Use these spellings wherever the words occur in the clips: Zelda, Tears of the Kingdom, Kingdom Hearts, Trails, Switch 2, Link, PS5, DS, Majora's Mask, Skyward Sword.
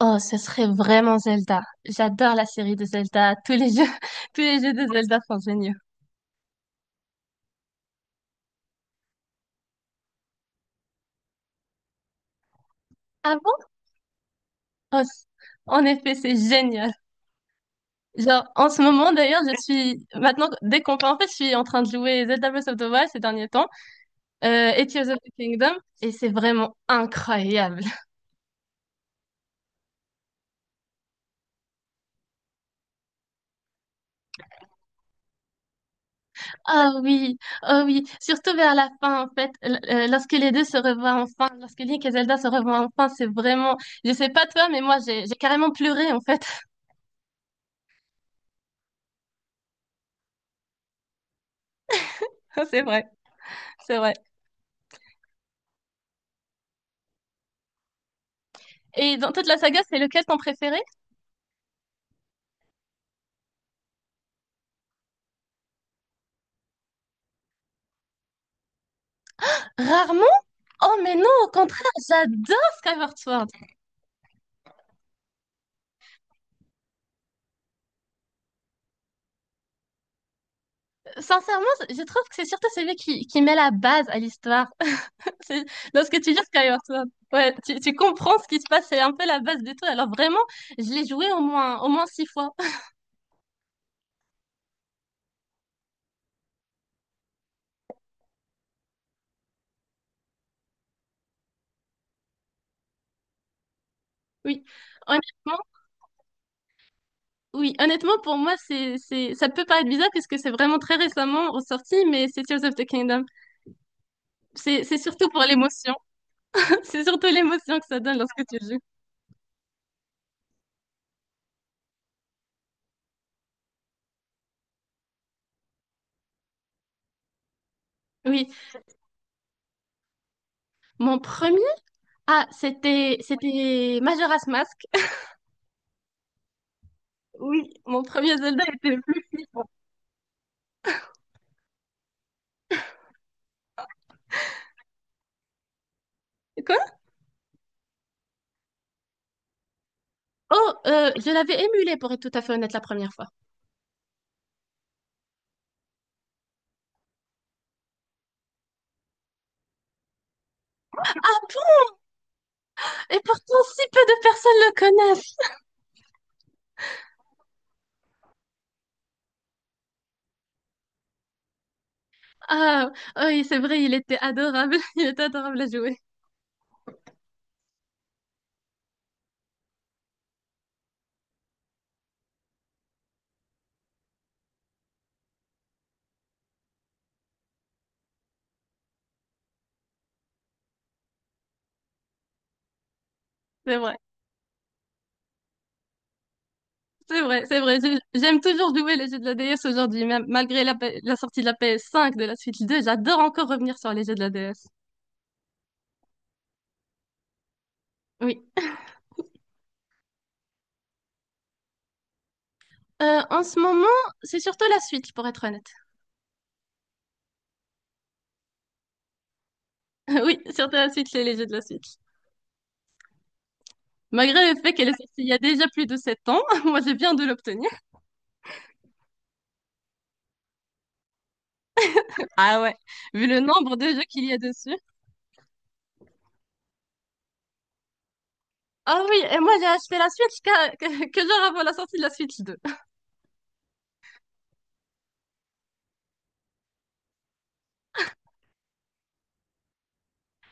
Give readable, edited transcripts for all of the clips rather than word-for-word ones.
Oh, ce serait vraiment Zelda. J'adore la série de Zelda. Tous les jeux, tous les jeux de Zelda sont géniaux. Ah bon? Oh, en effet, c'est génial. Genre, en ce moment, d'ailleurs, je suis, maintenant, dès qu'on peut, en fait, je suis en train de jouer Zelda Breath of the Wild ces derniers temps, et Tears of the Kingdom, et c'est vraiment incroyable. Ah oui, oh oui. Surtout vers la fin, en fait, lorsque les deux se revoient enfin, lorsque Link et Zelda se revoient enfin, c'est vraiment, je sais pas toi, mais moi, j'ai carrément pleuré, en fait. C'est vrai, c'est vrai. Et dans toute la saga, c'est lequel ton préféré? Rarement? Oh mais non, au contraire, j'adore Skyward Sword. Sincèrement, je trouve que c'est surtout qui met la base à l'histoire. C'est- Lorsque tu lis Skyward Sword, ouais, tu comprends ce qui se passe, c'est un peu la base de tout. Alors vraiment, je l'ai joué au moins six fois. Oui, honnêtement, oui, honnêtement pour moi, ça peut paraître bizarre puisque c'est vraiment très récemment ressorti, mais c'est Tears of the Kingdom. C'est surtout pour l'émotion. C'est surtout l'émotion que ça donne lorsque tu le joues. Oui, mon premier. Ah, c'était Majora's Mask. Oui, mon premier Zelda était le plus flippant. Quoi? Oh, je l'avais émulé pour être tout à fait honnête la première fois. Ah bon? Et pourtant, si peu de personnes le connaissent. Ah, oui, c'est vrai, il était adorable. Il était adorable à jouer. C'est vrai. C'est vrai, c'est vrai. Je- J'aime toujours jouer les jeux de la DS aujourd'hui, même malgré la sortie de la PS5, de la Switch 2. J'adore encore revenir sur les jeux de la DS. Oui. En ce moment, c'est surtout la Switch, pour être honnête. Oui, surtout la Switch et les jeux de la Switch. Malgré le fait qu'elle est sortie il y a déjà plus de 7 ans, moi je viens de l'obtenir. Ah ouais, vu le nombre de jeux qu'il y a dessus. Ah oui, et moi j'ai acheté la Switch que genre avant la sortie de la Switch deux.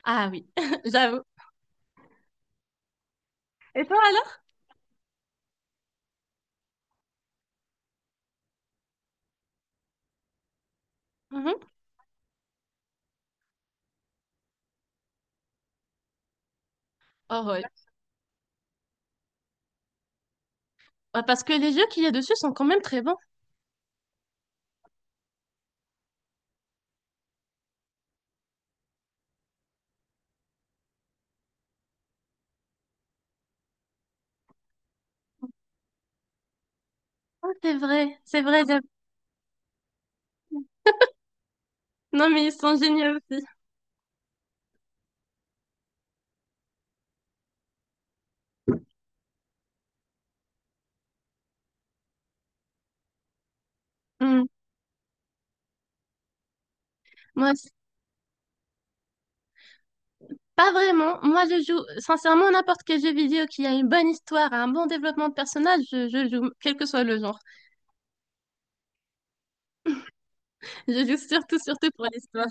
Ah oui, j'avoue. Et toi alors? Mhm. Oh ouais. Ah, parce que les jeux qu'il y a dessus sont quand même très bons. Oh, c'est vrai, c'est vrai. J'avoue. Non mais ils sont géniaux aussi. Hmm. Moi, c'est- pas vraiment. Moi je joue sincèrement n'importe quel jeu vidéo qui a une bonne histoire, un bon développement de personnage, je joue, quel que soit le genre. Je joue surtout, surtout pour l'histoire.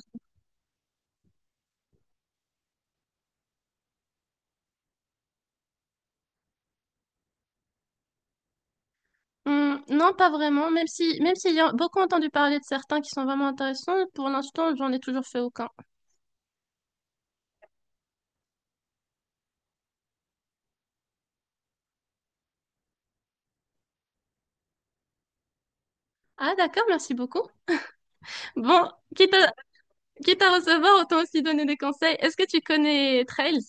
Hmm, non, pas vraiment. Même si, même s'il y a beaucoup entendu parler de certains qui sont vraiment intéressants, pour l'instant, j'en ai toujours fait aucun. Ah, d'accord, merci beaucoup. Bon, quitte à, quitte à recevoir, autant aussi donner des conseils. Est-ce que tu connais Trails?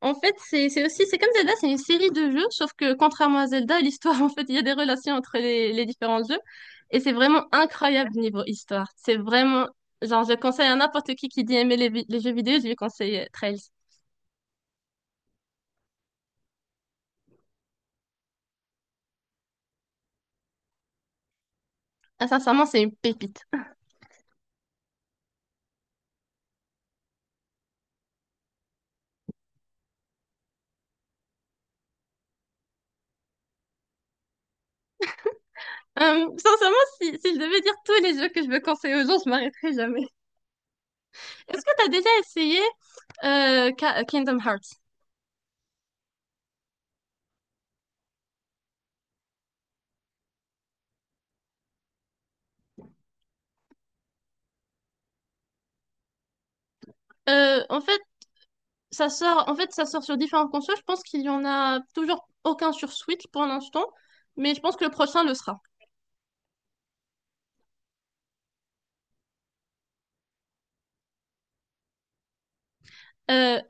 En fait, c'est aussi, c'est comme Zelda, c'est une série de jeux, sauf que contrairement à Zelda, l'histoire, en fait, il y a des relations entre les différents jeux. Et c'est vraiment incroyable niveau histoire. C'est vraiment, genre, je conseille à n'importe qui dit aimer les jeux vidéo, je lui conseille Trails. Ah, sincèrement, c'est une pépite. Sincèrement, si je devais dire tous les jeux que je veux conseiller aux gens, je m'arrêterais jamais. Est-ce que t'as déjà essayé Kingdom Hearts? En fait, ça sort sur différentes consoles. Je pense qu'il y en a toujours aucun sur Switch pour l'instant, mais je pense que le prochain le sera. Euh,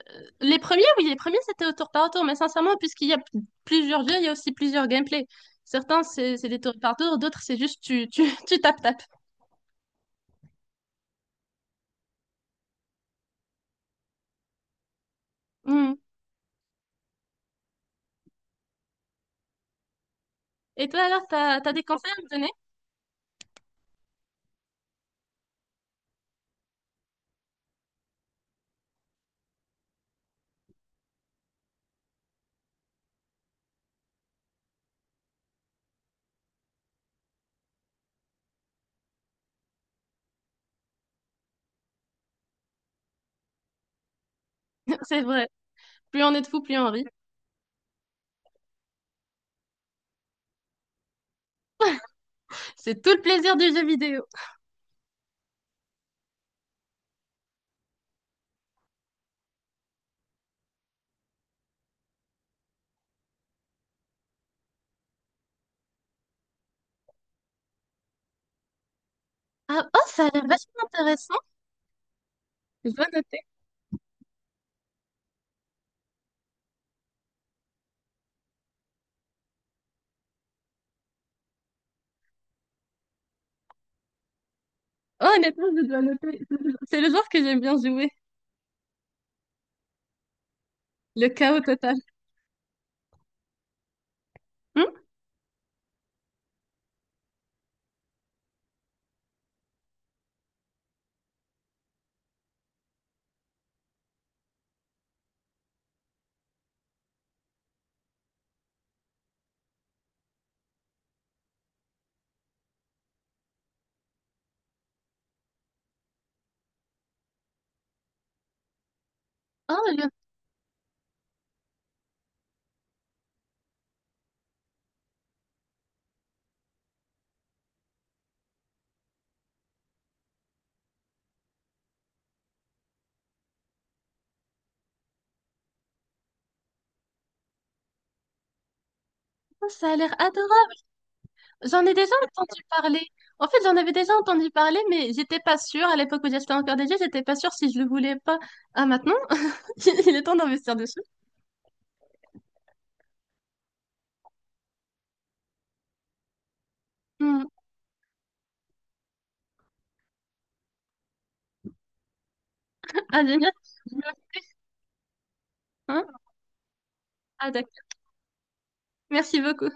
les premiers, oui, les premiers c'était au tour par tour, mais sincèrement, puisqu'il y a plusieurs jeux, il y a aussi plusieurs gameplays. Certains c'est des tours par tour, d'autres c'est juste tu tu tu tapes. Hmm. Et toi alors, t'as des conseils à me donner? C'est vrai. Plus on est de fous, plus on rit. C'est tout le plaisir du jeu vidéo. Ah, oh, ça a l'air vachement intéressant. Je dois noter. Oh, honnêtement, je dois noter. C'est le genre que j'aime bien jouer. Le chaos total. Hmm. Oh, le chaos, ça a l'air adorable. J'en ai déjà entendu parler. En fait, j'en avais déjà entendu parler, mais j'étais pas sûre. À l'époque où j'achetais encore des jeux, j'étais pas sûre si je le voulais pas. Ah, maintenant, il est temps d'investir dessus. Hmm. Ah, génial. Hein, ah, d'accord. Merci beaucoup.